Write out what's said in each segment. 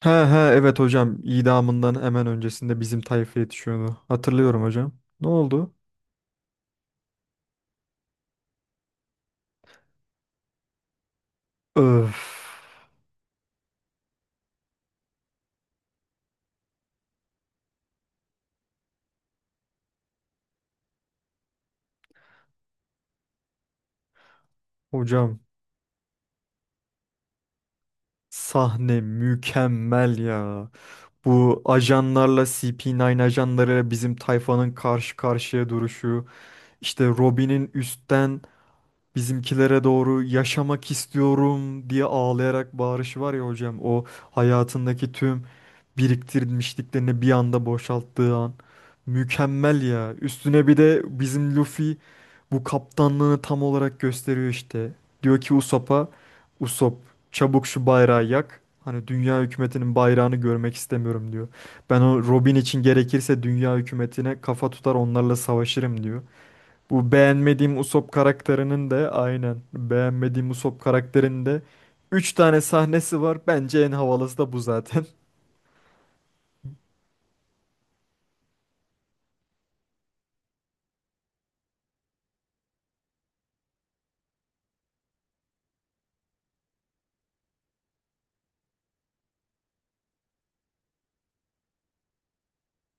He he, evet hocam, idamından hemen öncesinde bizim tayfa yetişiyordu. Hatırlıyorum hocam. Ne oldu? Öf hocam, sahne mükemmel ya. Bu ajanlarla CP9 ajanlarıyla bizim tayfanın karşı karşıya duruşu. İşte Robin'in üstten bizimkilere doğru yaşamak istiyorum diye ağlayarak bağırışı var ya hocam. O hayatındaki tüm biriktirmişliklerini bir anda boşalttığı an. Mükemmel ya. Üstüne bir de bizim Luffy bu kaptanlığını tam olarak gösteriyor işte. Diyor ki Usopp'a, Usopp çabuk şu bayrağı yak. Hani dünya hükümetinin bayrağını görmek istemiyorum diyor. Ben o Robin için gerekirse dünya hükümetine kafa tutar onlarla savaşırım diyor. Bu beğenmediğim Usopp karakterinin de aynen beğenmediğim Usopp karakterinin de 3 tane sahnesi var. Bence en havalısı da bu zaten.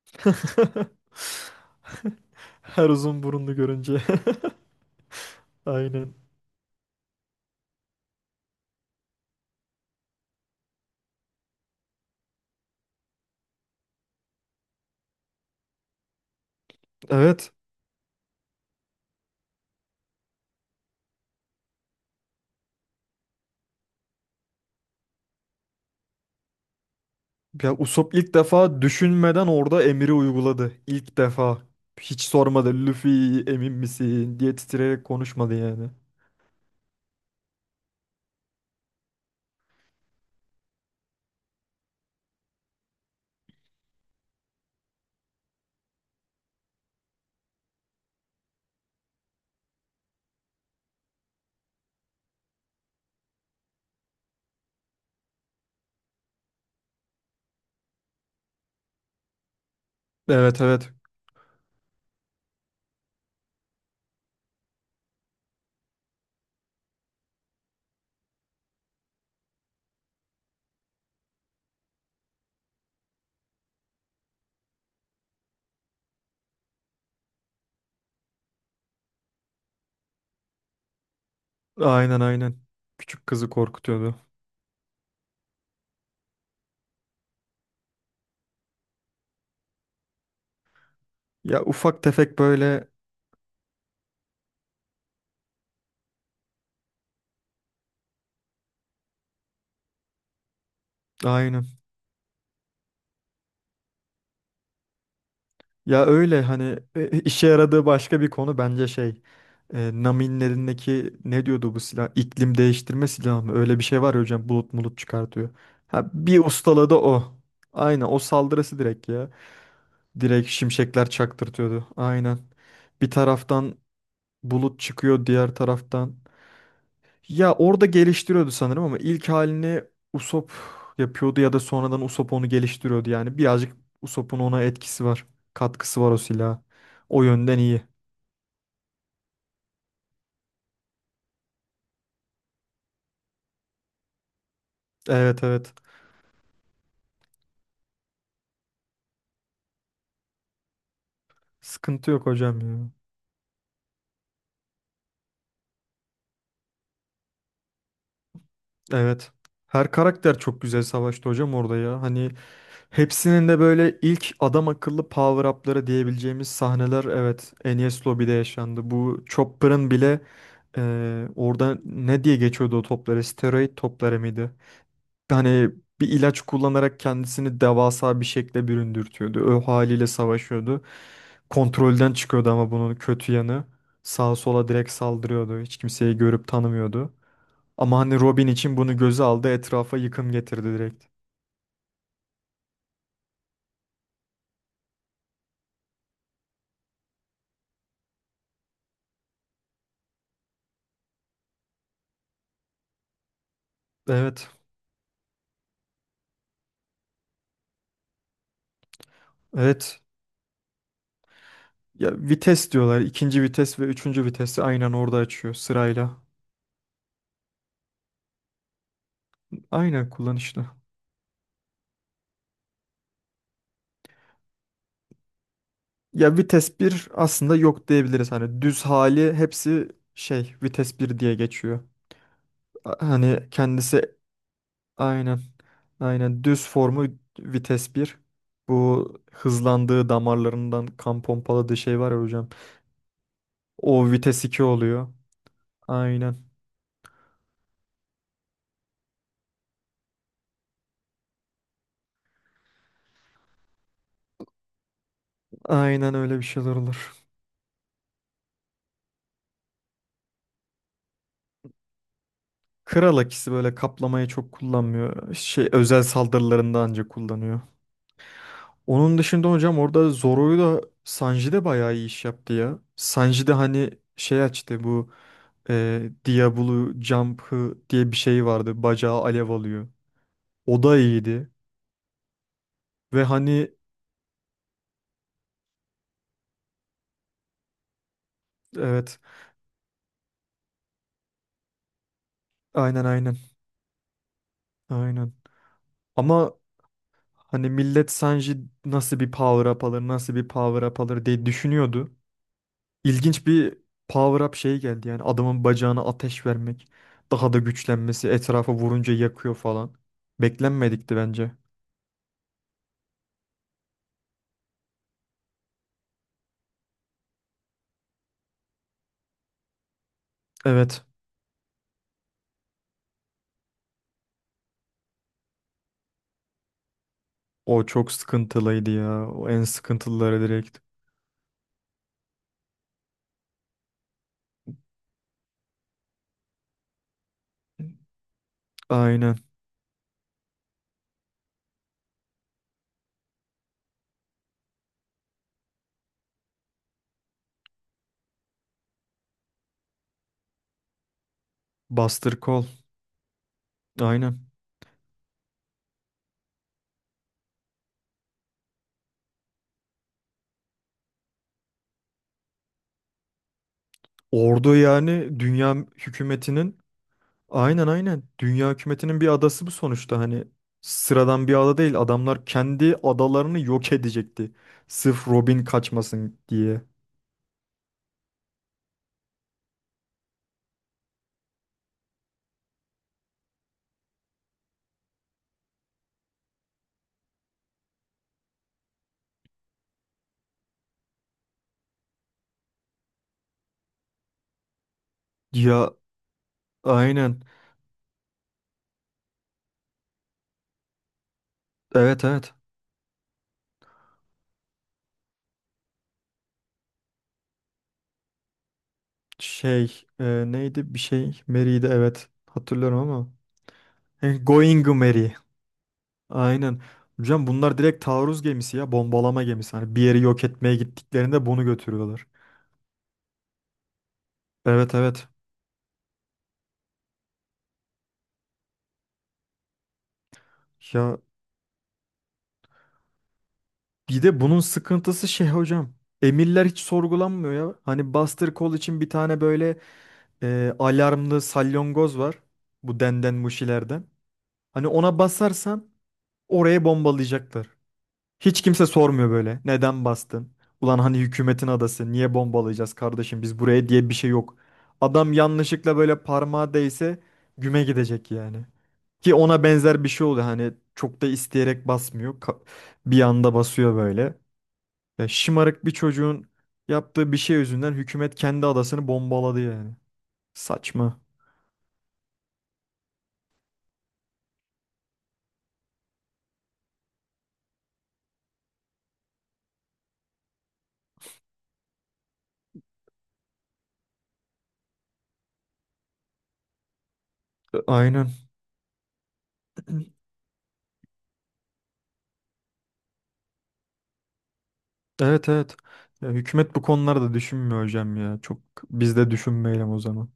Her uzun burunlu görünce. Aynen. Evet. Ya Usopp ilk defa düşünmeden orada emiri uyguladı. İlk defa. Hiç sormadı. Luffy emin misin diye titreyerek konuşmadı yani. Evet, evet. Aynen, aynen. Küçük kızı korkutuyordu. Ya ufak tefek böyle. Aynen. Ya öyle hani işe yaradığı başka bir konu bence şey, Nami'nin elindeki ne diyordu, bu silah iklim değiştirme silahı mı, öyle bir şey var ya hocam, bulut mulut çıkartıyor. Ha, bir ustaladı o. Aynen o saldırısı direkt ya. Direkt şimşekler çaktırtıyordu. Aynen. Bir taraftan bulut çıkıyor diğer taraftan. Ya orada geliştiriyordu sanırım ama ilk halini Usopp yapıyordu, ya da sonradan Usopp onu geliştiriyordu yani. Birazcık Usopp'un ona etkisi var. Katkısı var o silaha. O yönden iyi. Evet, evet. Sıkıntı yok hocam ya. Evet. Her karakter çok güzel savaştı hocam orada ya. Hani hepsinin de böyle ilk adam akıllı power up'ları diyebileceğimiz sahneler, evet, Enies Lobby'de yaşandı. Bu Chopper'ın bile orada ne diye geçiyordu o topları? Steroid topları mıydı? Hani bir ilaç kullanarak kendisini devasa bir şekle büründürtüyordu. O haliyle savaşıyordu. Kontrolden çıkıyordu ama bunun kötü yanı. Sağa sola direkt saldırıyordu. Hiç kimseyi görüp tanımıyordu. Ama hani Robin için bunu göze aldı, etrafa yıkım getirdi direkt. Evet. Evet. Ya vites diyorlar. İkinci vites ve üçüncü vitesi aynen orada açıyor sırayla. Aynen, kullanışlı. Ya vites bir aslında yok diyebiliriz. Hani düz hali hepsi şey vites bir diye geçiyor. Hani kendisi aynen, aynen düz formu vites bir. Bu hızlandığı, damarlarından kan pompaladığı şey var ya hocam. O vites 2 oluyor. Aynen. Aynen, öyle bir şeyler olur. Kral akisi böyle kaplamayı çok kullanmıyor. Şey, özel saldırılarında ancak kullanıyor. Onun dışında hocam orada Zoro'yu da Sanji de bayağı iyi iş yaptı ya. Sanji de hani şey açtı, bu Diablo Jump'ı diye bir şey vardı. Bacağı alev alıyor. O da iyiydi. Ve hani evet, aynen, aynen, aynen. Ama hani millet Sanji nasıl bir power up alır, nasıl bir power up alır diye düşünüyordu. İlginç bir power up şey geldi yani, adamın bacağına ateş vermek. Daha da güçlenmesi, etrafa vurunca yakıyor falan. Beklenmedikti bence. Evet, o çok sıkıntılıydı ya. O en sıkıntılıları direkt. Aynen. Buster Call. Aynen. Ordu yani dünya hükümetinin. Aynen, aynen. Dünya hükümetinin bir adası bu sonuçta, hani sıradan bir ada değil. Adamlar kendi adalarını yok edecekti. Sırf Robin kaçmasın diye. Ya aynen. Evet, evet. Şey, neydi, bir şey Mary'di, evet. Hatırlıyorum ama. Going Mary. Aynen. Hocam bunlar direkt taarruz gemisi ya, bombalama gemisi. Hani bir yeri yok etmeye gittiklerinde bunu götürüyorlar. Evet, evet. Ya, bir de bunun sıkıntısı şey hocam. Emirler hiç sorgulanmıyor ya. Hani Buster Call için bir tane böyle alarmlı salyongoz var. Bu denden muşilerden. Hani ona basarsan oraya bombalayacaklar. Hiç kimse sormuyor böyle. Neden bastın? Ulan hani hükümetin adası, niye bombalayacağız kardeşim biz buraya diye bir şey yok. Adam yanlışlıkla böyle parmağı değse güme gidecek yani. Ki ona benzer bir şey oluyor. Hani çok da isteyerek basmıyor. Bir anda basıyor böyle. Ya şımarık bir çocuğun yaptığı bir şey yüzünden hükümet kendi adasını bombaladı yani. Saçma. Aynen. Evet, evet. Ya hükümet bu konularda düşünmüyor hocam ya. Çok, biz de düşünmeyelim o zaman.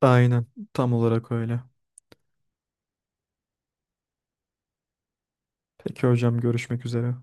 Aynen. Tam olarak öyle. Peki hocam, görüşmek üzere.